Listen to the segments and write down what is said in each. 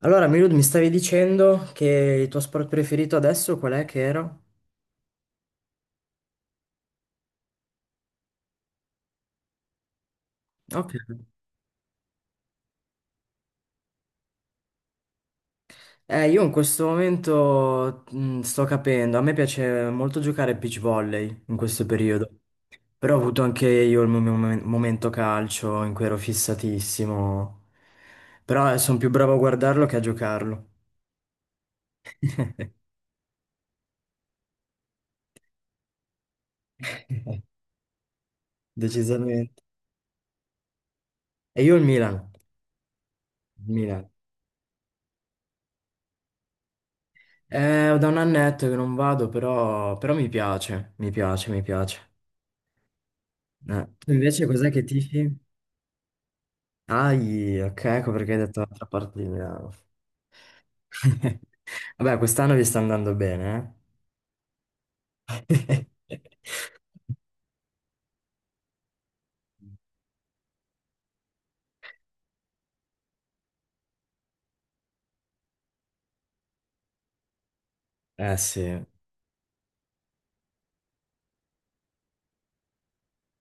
Allora, Milud, mi stavi dicendo che il tuo sport preferito adesso qual è che era? Ok. Io in questo momento sto capendo, a me piace molto giocare a beach volley in questo periodo, però ho avuto anche io il mio momento calcio in cui ero fissatissimo, però sono più bravo a guardarlo che a giocarlo. Decisamente. E io il Milan. Il Milan. Da un annetto che non vado, però, mi piace. Tu invece cos'è che tifi? Ai, ok, ecco perché hai detto un'altra parte di Milano. Vabbè, quest'anno vi sta andando bene, eh? Eh sì.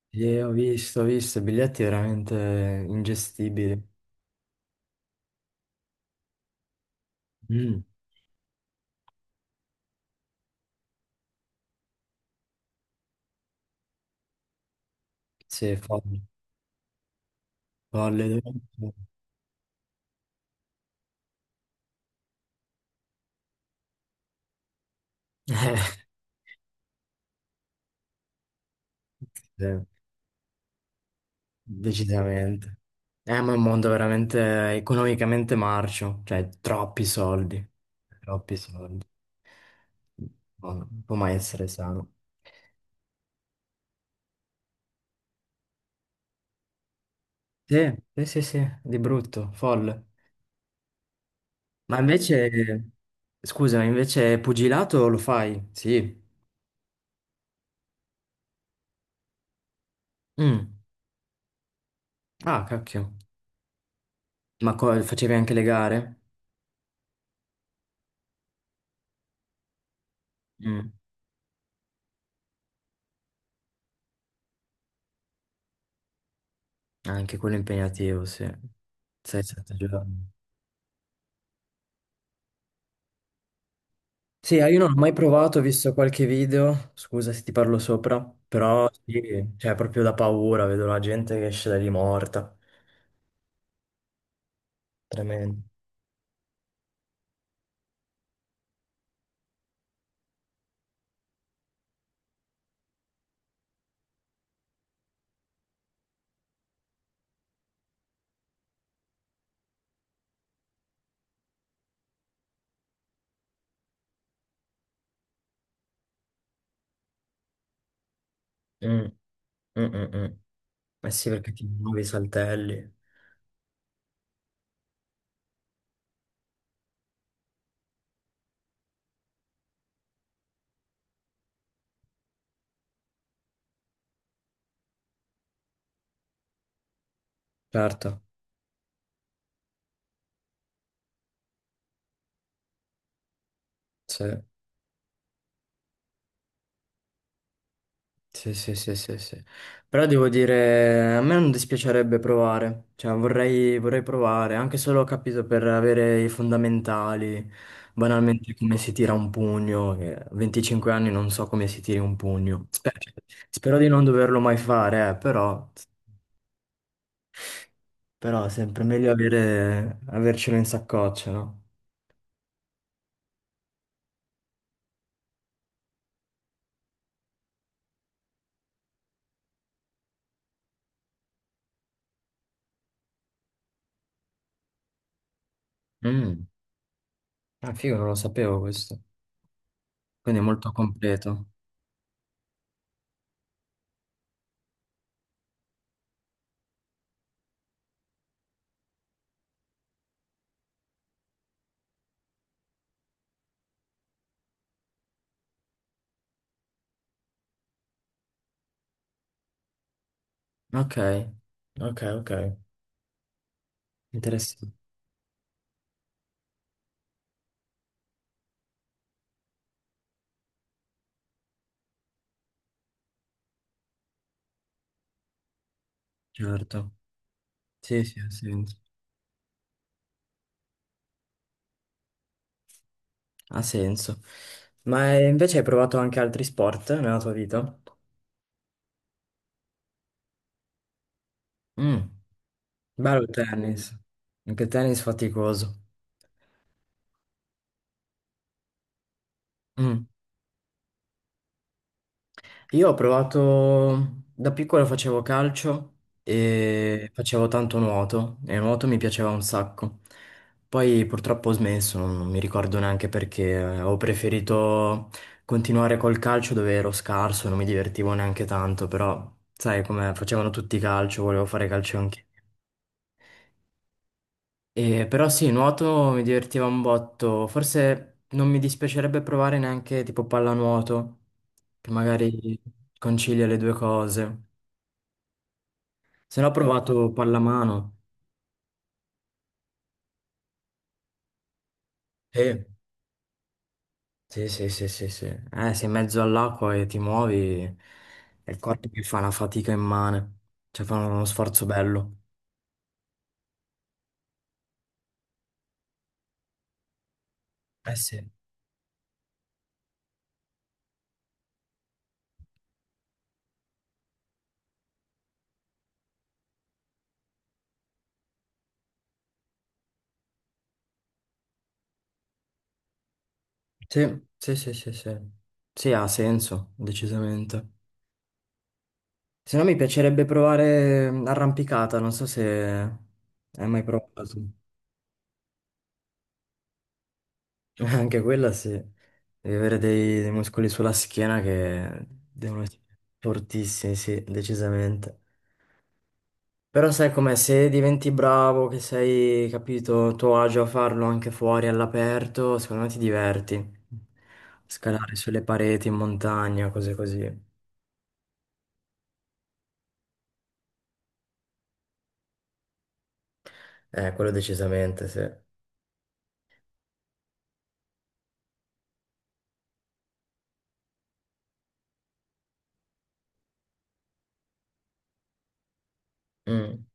Sì, ho visto, i biglietti veramente ingestibili. Mm. Sì, folle, folle. Eh, sì, decisamente. Ma è un mondo veramente economicamente marcio, cioè troppi soldi, troppi soldi. No, non può mai essere sano. Sì, sì, sì, sì, di brutto, folle. Ma invece, scusa, invece pugilato lo fai? Sì. Mm. Ah, cacchio. Ma facevi anche le gare? Mm. Anche quello impegnativo, sì. Sei sette giorni. Sì, io non ho mai provato, ho visto qualche video, scusa se ti parlo sopra, però sì, cioè proprio da paura, vedo la gente che esce da lì morta. Tremendo. Mm, mm, mm, mm. Eh sì, perché ti muovi, saltelli. Certo, sì, sì, sì, sì, sì, sì. Però devo dire, a me non dispiacerebbe provare, cioè vorrei provare, anche solo, ho capito, per avere i fondamentali, banalmente come si tira un pugno, che a 25 anni non so come si tiri un pugno. Spero, spero di non doverlo mai fare, però, però è sempre meglio avere, avercelo in saccoccia, no? Mm. Ah, figo, non lo sapevo questo, quindi è molto completo. Ok, ok, ok. Interessante. Certo, sì, sì, ha senso. Ha senso. Ma invece hai provato anche altri sport nella tua vita? Mm. Bello il tennis, anche il tennis faticoso. Mm. Io ho provato, da piccolo facevo calcio. Mm. E facevo tanto nuoto e il nuoto mi piaceva un sacco. Poi purtroppo ho smesso, non mi ricordo neanche perché, ho preferito continuare col calcio dove ero scarso, non mi divertivo neanche tanto, però sai come facevano tutti calcio, volevo fare calcio anche. E, però sì, nuoto mi divertiva un botto, forse non mi dispiacerebbe provare neanche tipo pallanuoto, che magari concilia le due cose. Se no ho provato pallamano. Sì, sì, sì, sì, sì, sì. Sei in mezzo all'acqua e ti muovi, è il corpo che fa una fatica immane. Cioè fa uno sforzo bello. Eh sì. Sì, sì, sì, sì, sì. Sì, ha senso, decisamente. Se no mi piacerebbe provare arrampicata, non so se hai mai provato. Anche quella sì. Devi avere dei muscoli sulla schiena che devono essere fortissimi, sì, decisamente. Però sai com'è, se diventi bravo, che sei, capito, a tuo agio a farlo anche fuori all'aperto, secondo me ti diverti. Scalare sulle pareti, in montagna, cose così. Quello decisamente, sì. Mm,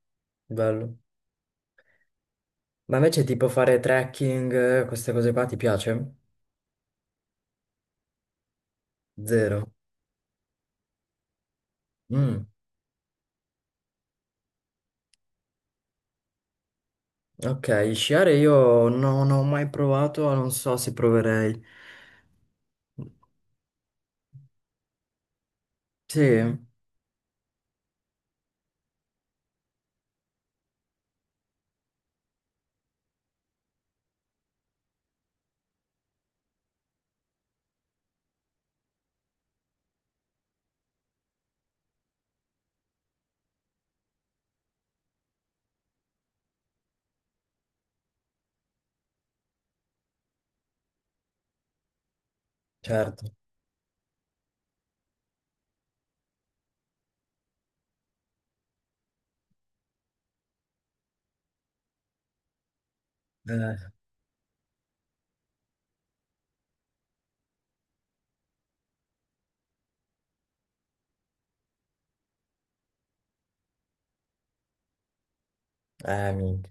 bello. Ma invece tipo fare trekking, queste cose qua ti piace? Zero. Mm, ok, sciare io non ho mai provato, non so se proverei. Sì, certo. Eh, minchia.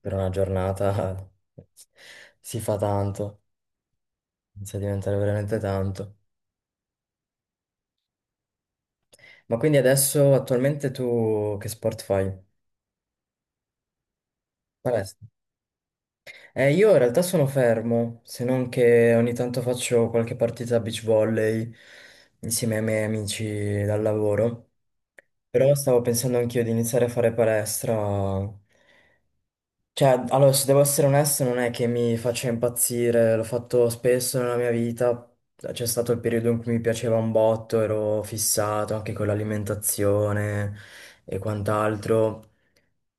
Per una giornata si fa tanto, inizia a diventare veramente tanto. Ma quindi adesso attualmente tu che sport fai? Palestra. Io in realtà sono fermo, se non che ogni tanto faccio qualche partita a beach volley insieme ai miei amici dal lavoro. Però stavo pensando anch'io di iniziare a fare palestra. Cioè, allora, se devo essere onesto, non è che mi faccia impazzire, l'ho fatto spesso nella mia vita, c'è stato il periodo in cui mi piaceva un botto, ero fissato anche con l'alimentazione e quant'altro.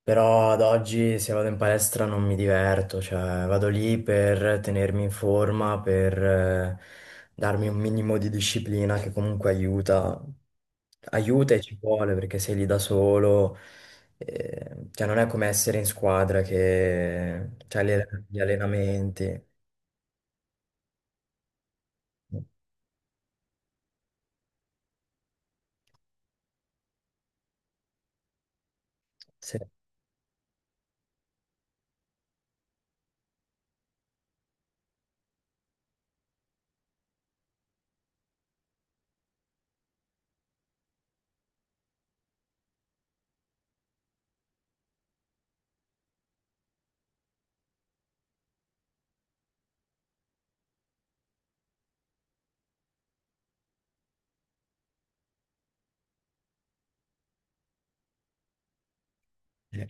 Però ad oggi se vado in palestra non mi diverto, cioè vado lì per tenermi in forma, per darmi un minimo di disciplina che comunque aiuta, aiuta e ci vuole perché sei lì da solo, cioè non è come essere in squadra che c'hai gli allenamenti. Sì. Sì.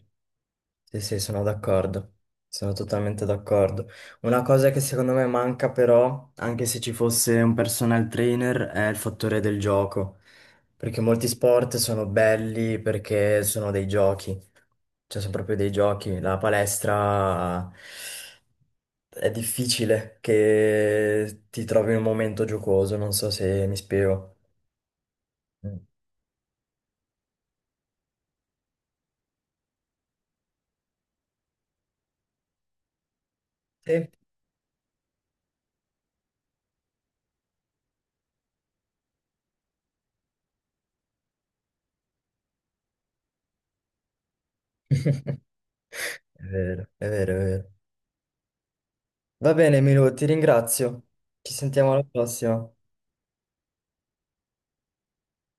Sì, sì, sono d'accordo, sono totalmente d'accordo. Una cosa che secondo me manca però, anche se ci fosse un personal trainer, è il fattore del gioco, perché molti sport sono belli perché sono dei giochi, cioè sono proprio dei giochi. La palestra è difficile che ti trovi in un momento giocoso, non so se mi spiego. Mm. Sì. È vero, è vero, è vero. Va bene, Milo, ti ringrazio. Ci sentiamo alla prossima.